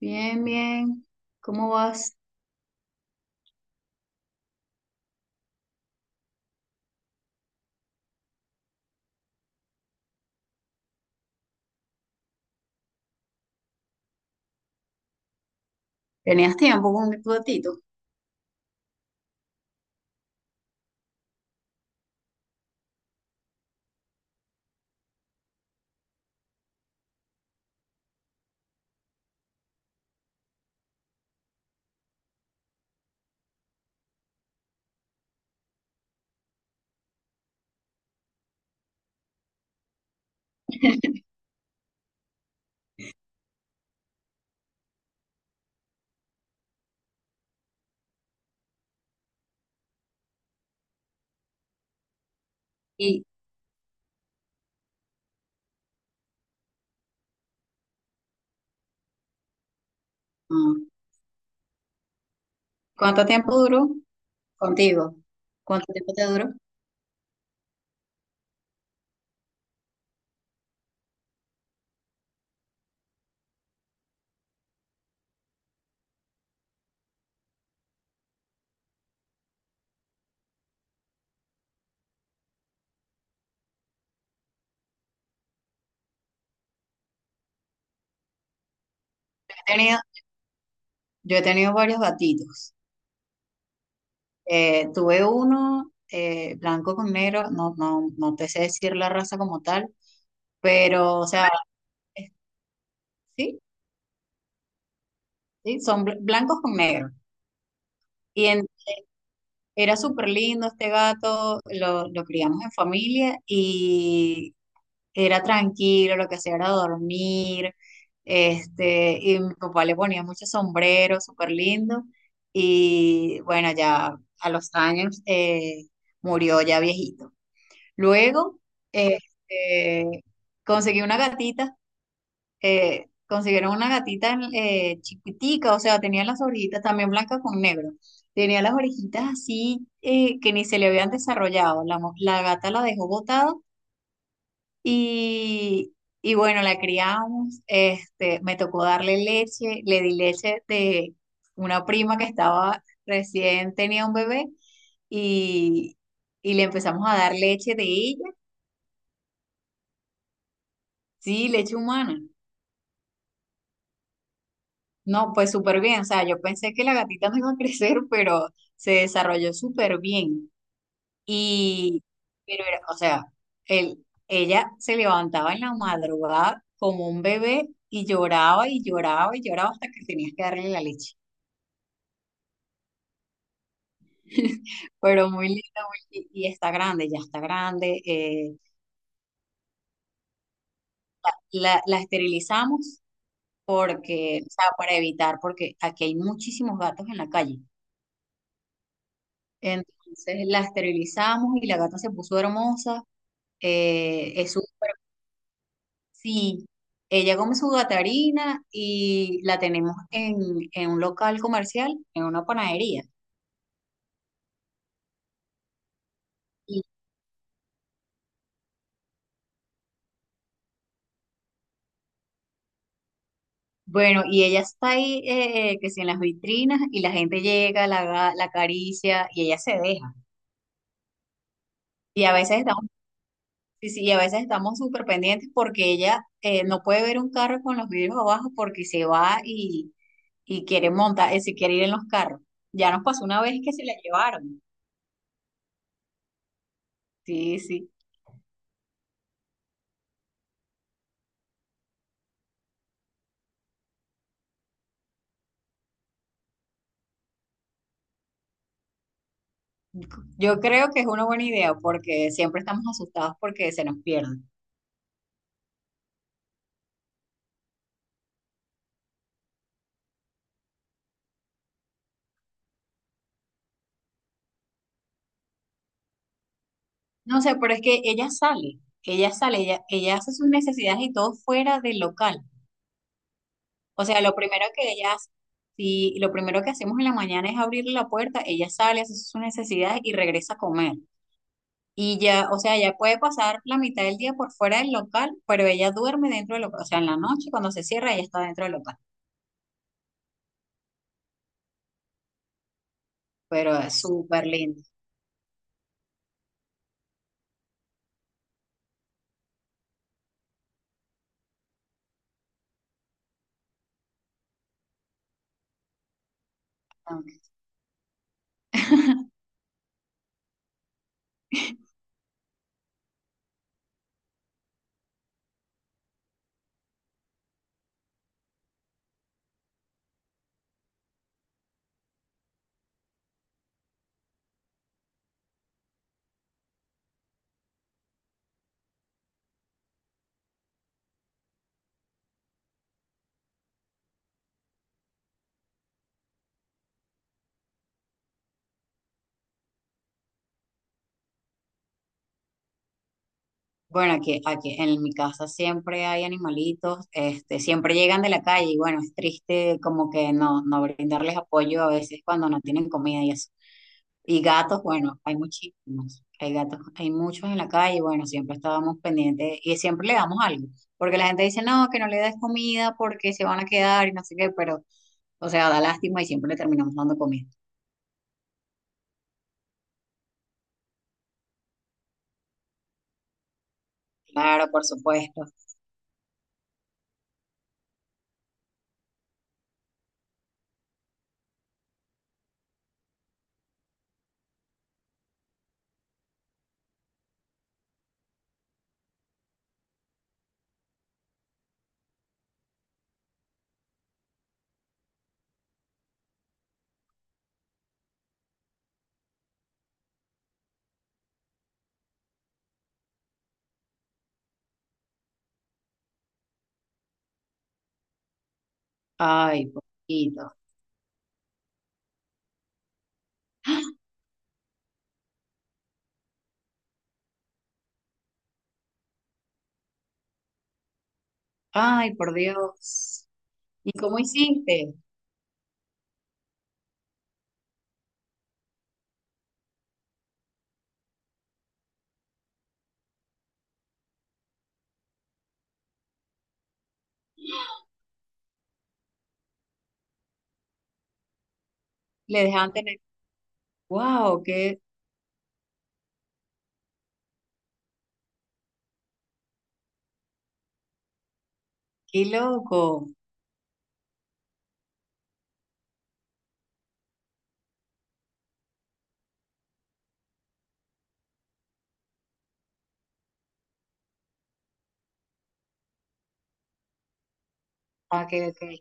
Bien, bien. ¿Cómo vas? ¿Tenías tiempo con tu gatito? ¿Y mm, cuánto tiempo duró contigo? ¿Cuánto tiempo te duró? He tenido- yo he tenido varios gatitos. Tuve uno blanco con negro, no, no, no te sé decir la raza como tal, pero, o sea, es- sí, sí, son blancos con negro. Y en- Era súper lindo este gato, lo criamos en familia y era tranquilo, lo que hacía era dormir, y mi papá le ponía muchos sombreros, súper lindo, y bueno, ya a los años murió ya viejito. Luego, este, conseguí una gatita, consiguieron una gatita chiquitica, o sea, tenía las orejitas también blancas con negro. Tenía las orejitas así que ni se le habían desarrollado. La gata la dejó botada y, y, bueno, la criamos, me tocó darle leche, le di leche de una prima que estaba recién tenía un bebé y, y le empezamos a dar leche de ella, sí, leche humana. No, pues súper bien, o sea, yo pensé que la gatita no iba a crecer, pero se desarrolló súper bien. Y, pero o sea, él, ella se levantaba en la madrugada como un bebé y lloraba y lloraba y lloraba hasta que tenías que darle la leche. Pero muy linda, y está grande, ya está grande. La esterilizamos porque, o sea, para evitar, porque aquí hay muchísimos gatos en la calle. Entonces la esterilizamos y la gata se puso hermosa. Es Sí, ella come su gatarina y la tenemos en un local comercial, en una panadería. Y bueno, y ella está ahí, que si en las vitrinas, y la gente llega, la acaricia, y ella se deja. Y a veces estamos, sí, sí, y a veces estamos súper pendientes porque ella no puede ver un carro con los vidrios abajo porque se va y quiere montar, se quiere ir en los carros. Ya nos pasó una vez que se la llevaron. Sí, sí. Yo creo que es una buena idea porque siempre estamos asustados porque se nos pierden. No sé, pero es que ella sale, ella sale, ella hace sus necesidades y todo fuera del local. O sea, lo primero que ella hace, si lo primero que hacemos en la mañana es abrir la puerta, ella sale, hace sus necesidades y regresa a comer. Y ya, o sea, ella puede pasar la mitad del día por fuera del local, pero ella duerme dentro del local. O sea, en la noche cuando se cierra, ella está dentro del local. Pero es súper lindo. Bueno, aquí en mi casa siempre hay animalitos, siempre llegan de la calle y bueno, es triste como que no brindarles apoyo a veces cuando no tienen comida y eso. Y gatos, bueno, hay muchísimos, hay gatos, hay muchos en la calle, bueno, siempre estábamos pendientes y siempre le damos algo, porque la gente dice, no, que no le des comida porque se van a quedar y no sé qué, pero, o sea, da lástima y siempre le terminamos dando comida. Claro, por supuesto. Ay, poquito. Ay, por Dios. ¿Y cómo hiciste? Le dejaban tener, wow, qué loco. Ok, ok,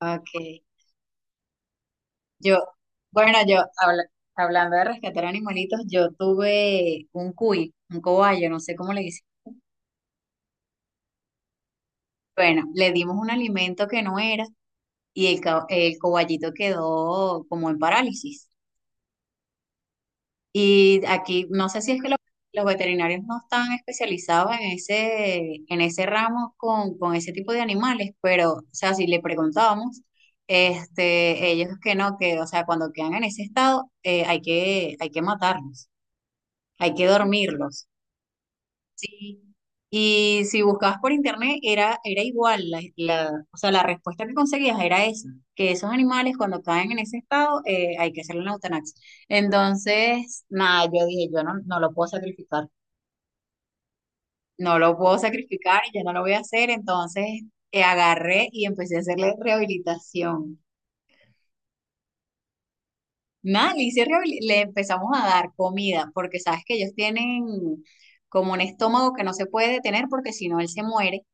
ok. Yo, bueno, hablando de rescatar animalitos, yo tuve un cuy, un cobayo, no sé cómo le dicen. Bueno, le dimos un alimento que no era y el cobayito quedó como en parálisis. Y aquí, no sé si es que los, veterinarios no están especializados en ese, ramo con ese tipo de animales, pero, o sea, si le preguntábamos, ellos que no, que, o sea, cuando quedan en ese estado, hay que matarlos, hay que dormirlos. Sí. Y si buscabas por internet era igual, o sea, la respuesta que conseguías era esa, que esos animales cuando caen en ese estado hay que hacerle una eutanasia. Entonces, nada, yo dije, yo no lo puedo sacrificar, no lo puedo sacrificar y yo no lo voy a hacer, entonces agarré y empecé a hacerle rehabilitación. Nada, le empezamos a dar comida, porque sabes que ellos tienen como un estómago que no se puede detener porque si no él se muere.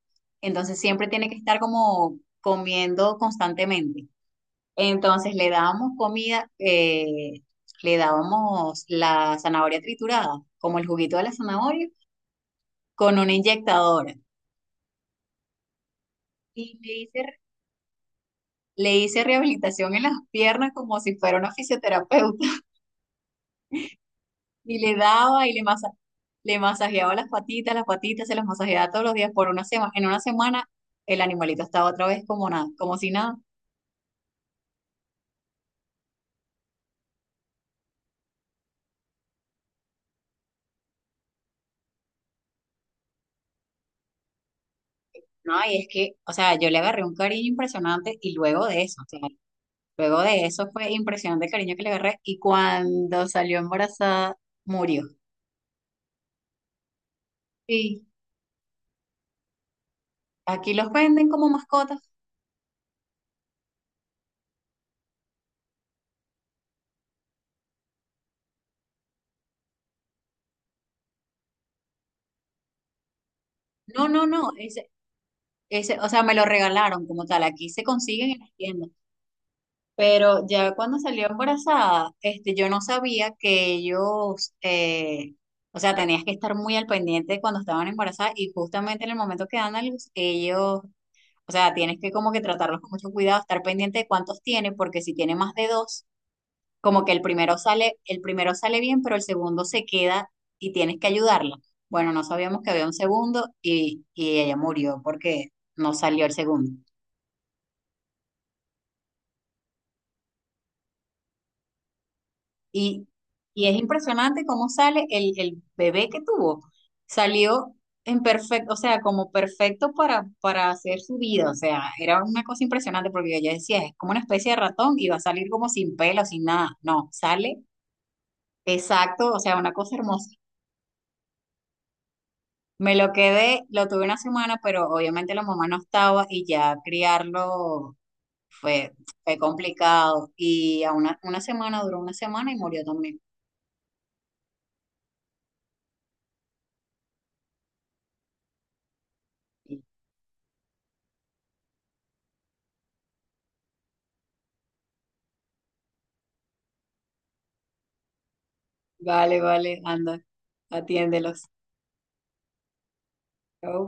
Entonces siempre tiene que estar como comiendo constantemente. Entonces le dábamos comida, le dábamos la zanahoria triturada, como el juguito de la zanahoria, con una inyectadora. Y le hice rehabilitación en las piernas como si fuera una fisioterapeuta. Y le daba y le masajeaba las patitas se las masajeaba todos los días por una semana. En una semana el animalito estaba otra vez como nada, como si nada. No, y es que, o sea, yo le agarré un cariño impresionante y luego de eso, o sea, luego de eso fue impresionante el cariño que le agarré y cuando salió embarazada murió. Sí, aquí los venden como mascotas. No, no, no, ese, o sea, me lo regalaron como tal, aquí se consiguen en las tiendas. Pero ya cuando salió embarazada, yo no sabía que ellos, o sea, tenías que estar muy al pendiente cuando estaban embarazadas y justamente en el momento que dan a luz, ellos, o sea, tienes que como que tratarlos con mucho cuidado, estar pendiente de cuántos tienen, porque si tiene más de dos, como que el primero sale bien, pero el segundo se queda y tienes que ayudarla. Bueno, no sabíamos que había un segundo y, ella murió porque no salió el segundo. Y, y es impresionante cómo sale el bebé que tuvo. Salió en perfecto, o sea, como perfecto para hacer su vida. O sea, era una cosa impresionante porque ella decía, es como una especie de ratón y va a salir como sin pelo, sin nada. No, sale exacto, o sea, una cosa hermosa. Me lo quedé, lo tuve una semana, pero obviamente la mamá no estaba y ya criarlo fue, fue complicado. Y a una semana, duró una semana y murió también. Vale, vale, anda, atiéndelos. Chao.